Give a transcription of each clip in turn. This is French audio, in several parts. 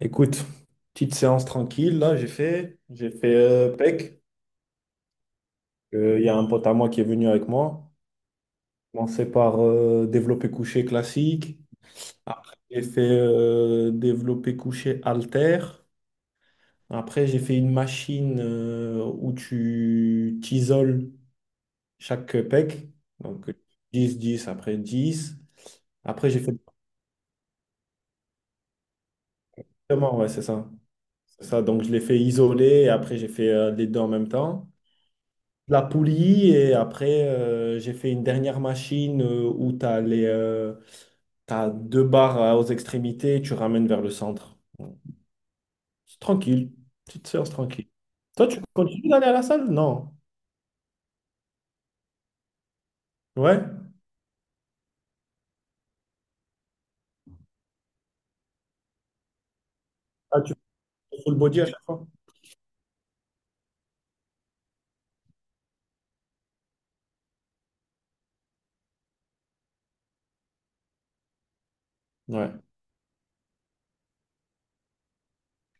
Écoute, petite séance tranquille, là, j'ai fait PEC. Il y a un pote à moi qui est venu avec moi. J'ai commencé par développé couché classique. Après, j'ai fait développé couché halter. Après, j'ai fait une machine où tu t'isoles chaque PEC. Donc, dix après 10. Après, j'ai fait... Exactement, ouais, c'est ça. C'est ça. Donc, je l'ai fait isoler et après, j'ai fait les deux en même temps. La poulie et après j'ai fait une dernière machine où tu as les t'as deux barres aux extrémités et tu ramènes vers le centre. C'est tranquille, petite séance tranquille. Toi, tu continues d'aller à la salle? Non. Ouais. Ah, tu fais full body à chaque fois? Ouais.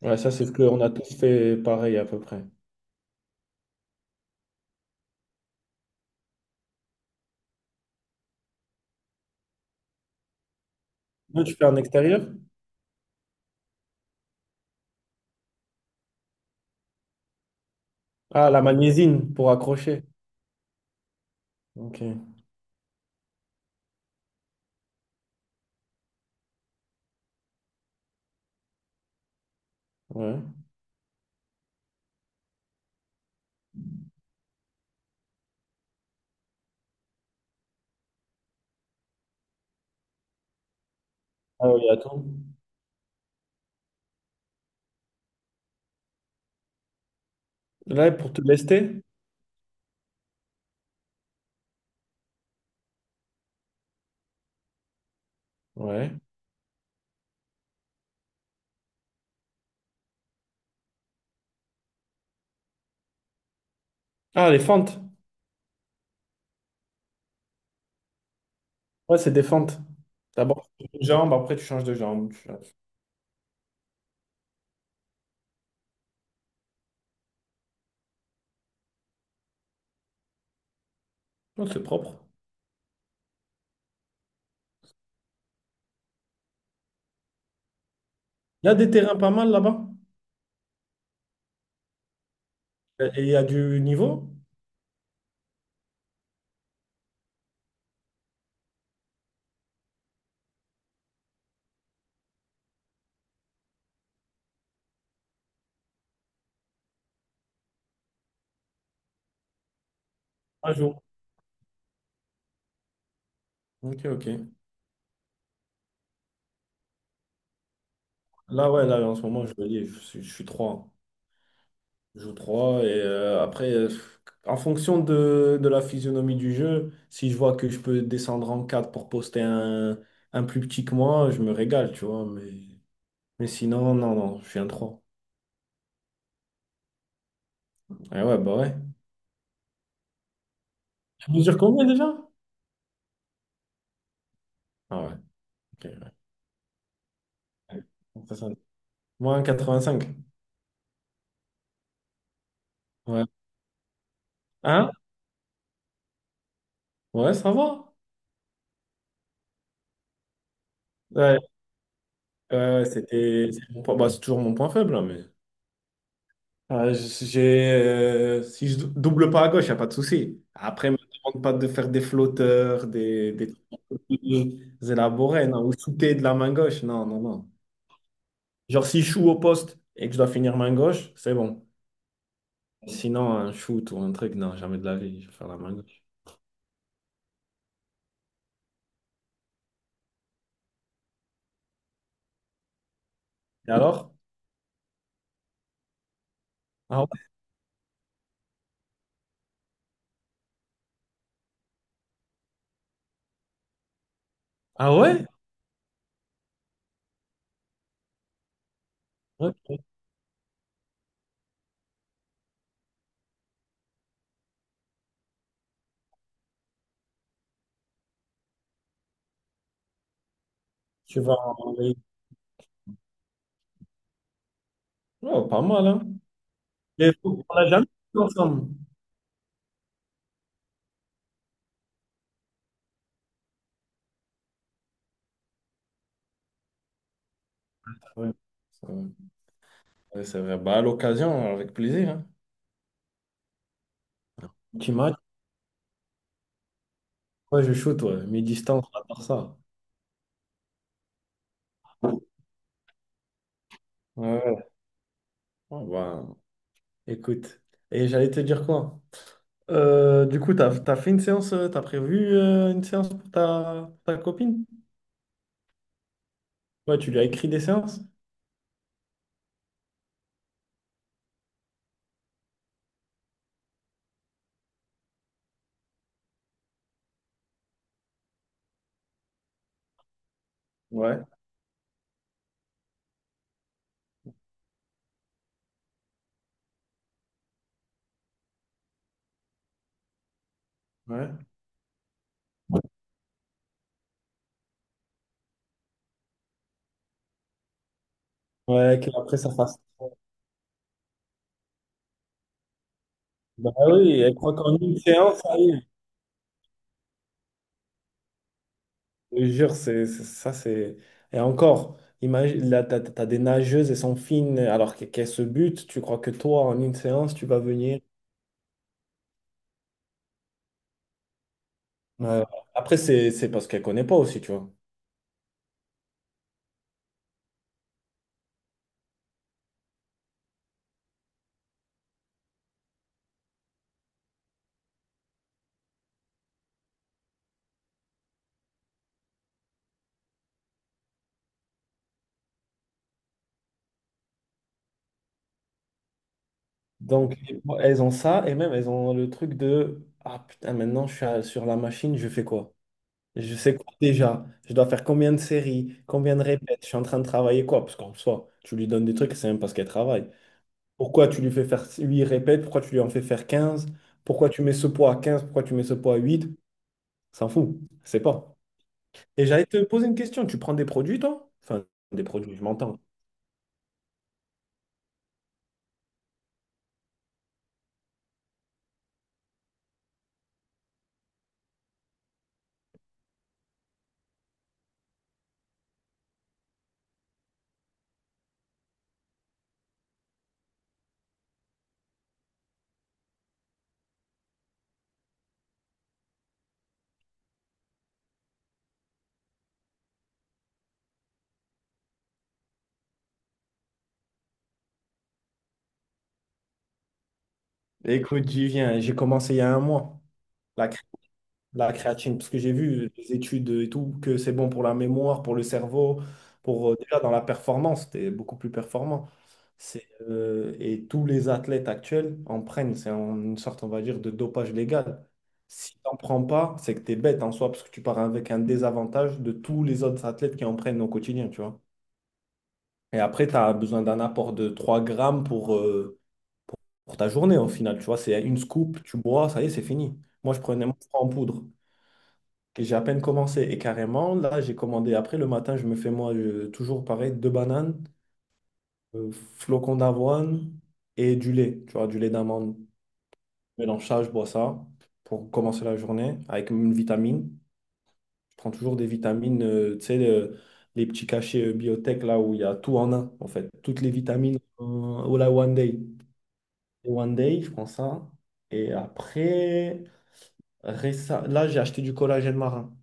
Ouais, ça c'est ce qu'on a tous fait pareil à peu près. Toi, tu fais en extérieur? Ah, la magnésienne pour accrocher. Ok. Ouais. Ah oui, attends. Là, pour te lester? Ouais. Ah, les fentes. Ouais, c'est des fentes. D'abord, tu fais une jambe, après, tu changes de jambe. Tu- Non, c'est propre. Il y a des terrains pas mal là-bas. Et il y a du niveau? Un jour. Ok, ok. Là, ouais, là, en ce moment, je me dis, je suis 3. Je joue trois. Et après, en fonction de la physionomie du jeu, si je vois que je peux descendre en 4 pour poster un plus petit que moi, je me régale, tu vois. Mais sinon, non, non, je suis un trois. Et ouais, bah ouais. Tu mesures combien déjà? Ah ouais, ok. Ouais. Ça- moins quatre-vingt-cinq. Ouais. Hein? Ouais, ça va. Ouais, ouais, c'était. C'est mon point- bah, c'est toujours mon point faible, hein, mais. J'ai, si je double pas à gauche, il n'y a pas de souci. Après, ne me demande pas de faire des flotteurs, des trucs plus élaborés, non, ou shooter de la main gauche. Non, non, non. Genre, si je joue au poste et que je dois finir main gauche, c'est bon. Sinon, un shoot ou un truc, non, jamais de la vie, je vais faire la main gauche. Et alors? Ah ouais? Ah ouais? Ok. Tu vas en- Oh, pas mal, hein? Mais on l'a jamais fait ensemble. Ouais, c'est vrai. Ouais, c'est vrai. Bah, à l'occasion, avec plaisir. Hein. Tu match, moi je shoot, ouais. Mes distances, à part ça. Ouais, ouais. Ouais, bah, écoute. Et j'allais te dire quoi? Du coup, t'as fait une séance, t'as prévu une séance pour ta, ta copine? Ouais, tu lui as écrit des séances? Ouais, ouais. Ouais, qu'après ça fasse. Bah oui, elle croit qu'en une séance, ça y. Je te jure, c'est. Et encore, imagine, là, t'as des nageuses, elles sont fines, alors que- qu'elles se butent. Tu crois que toi, en une séance, tu vas venir. euh, Après, c'est parce qu'elles ne connaissent pas aussi, tu vois. Donc, elles ont ça, et même, elles ont le truc de ah putain, maintenant, je suis à- sur la machine, je fais quoi? Je sais quoi déjà? Je dois faire combien de séries? Combien de répètes? Je suis en train de travailler quoi? Parce qu'en soi, tu lui donnes des trucs, c'est même parce qu'elle travaille. Pourquoi tu lui fais faire 8 répètes? Pourquoi tu lui en fais faire quinze? Pourquoi tu mets ce poids à quinze? Pourquoi tu mets ce poids à huit? S'en fout, c'est pas. Et j'allais te poser une question. Tu prends des produits, toi? Enfin, des produits, je m'entends. Écoute, j'y viens. J'ai commencé il y a un mois. La la créatine, parce que j'ai vu des études et tout, que c'est bon pour la mémoire, pour le cerveau, pour déjà dans la performance, t'es beaucoup plus performant. C'est, et tous les athlètes actuels en prennent, une sorte, on va dire, de dopage légal. Si t'en prends pas, c'est que t'es bête en soi, parce que tu pars avec un désavantage de tous les autres athlètes qui en prennent au quotidien, tu vois. Et après, tu as besoin d'un apport de 3 grammes pour ta journée au final, tu vois. C'est une scoop, tu bois, ça y est, c'est fini. Moi, je prenais mon froid en poudre que j'ai à peine commencé. Et carrément, là, j'ai commandé. Après, le matin, je me fais moi toujours pareil, deux bananes, flocons d'avoine et du lait, tu vois, du lait d'amande. Mélange ça, je bois ça pour commencer la journée avec une vitamine. Je prends toujours des vitamines, tu sais, le- les petits cachets biotech là où il y a tout en un, en fait. Toutes les vitamines, au la One Day. Et One Day, je prends ça. Et après, récem- là, j'ai acheté du collagène marin.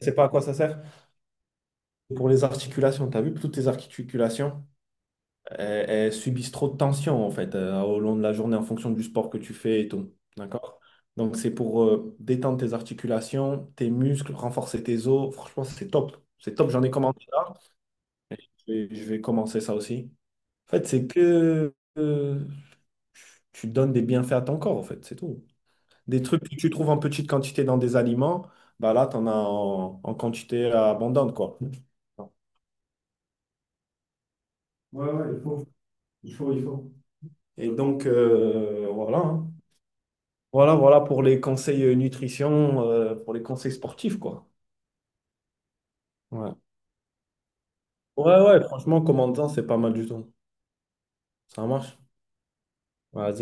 Tu sais pas à quoi ça sert? Pour les articulations, tu as vu que toutes les articulations, elles, elles subissent trop de tension en fait au long de la journée en fonction du sport que tu fais et tout. D'accord? Donc c'est pour détendre tes articulations, tes muscles, renforcer tes os. Franchement, c'est top. C'est top, j'en ai commencé là. Je vais commencer ça aussi. En fait, c'est que tu donnes des bienfaits à ton corps en fait, c'est tout. Des trucs que tu trouves en petite quantité dans des aliments, bah là, tu en as en, en quantité abondante quoi. Il faut, il faut. Et donc, voilà. Hein. Voilà, voilà pour les conseils nutrition, pour les conseils sportifs, quoi. Ouais, ouais, franchement, commentant, c'est pas mal du tout. Ça marche. Vas-y.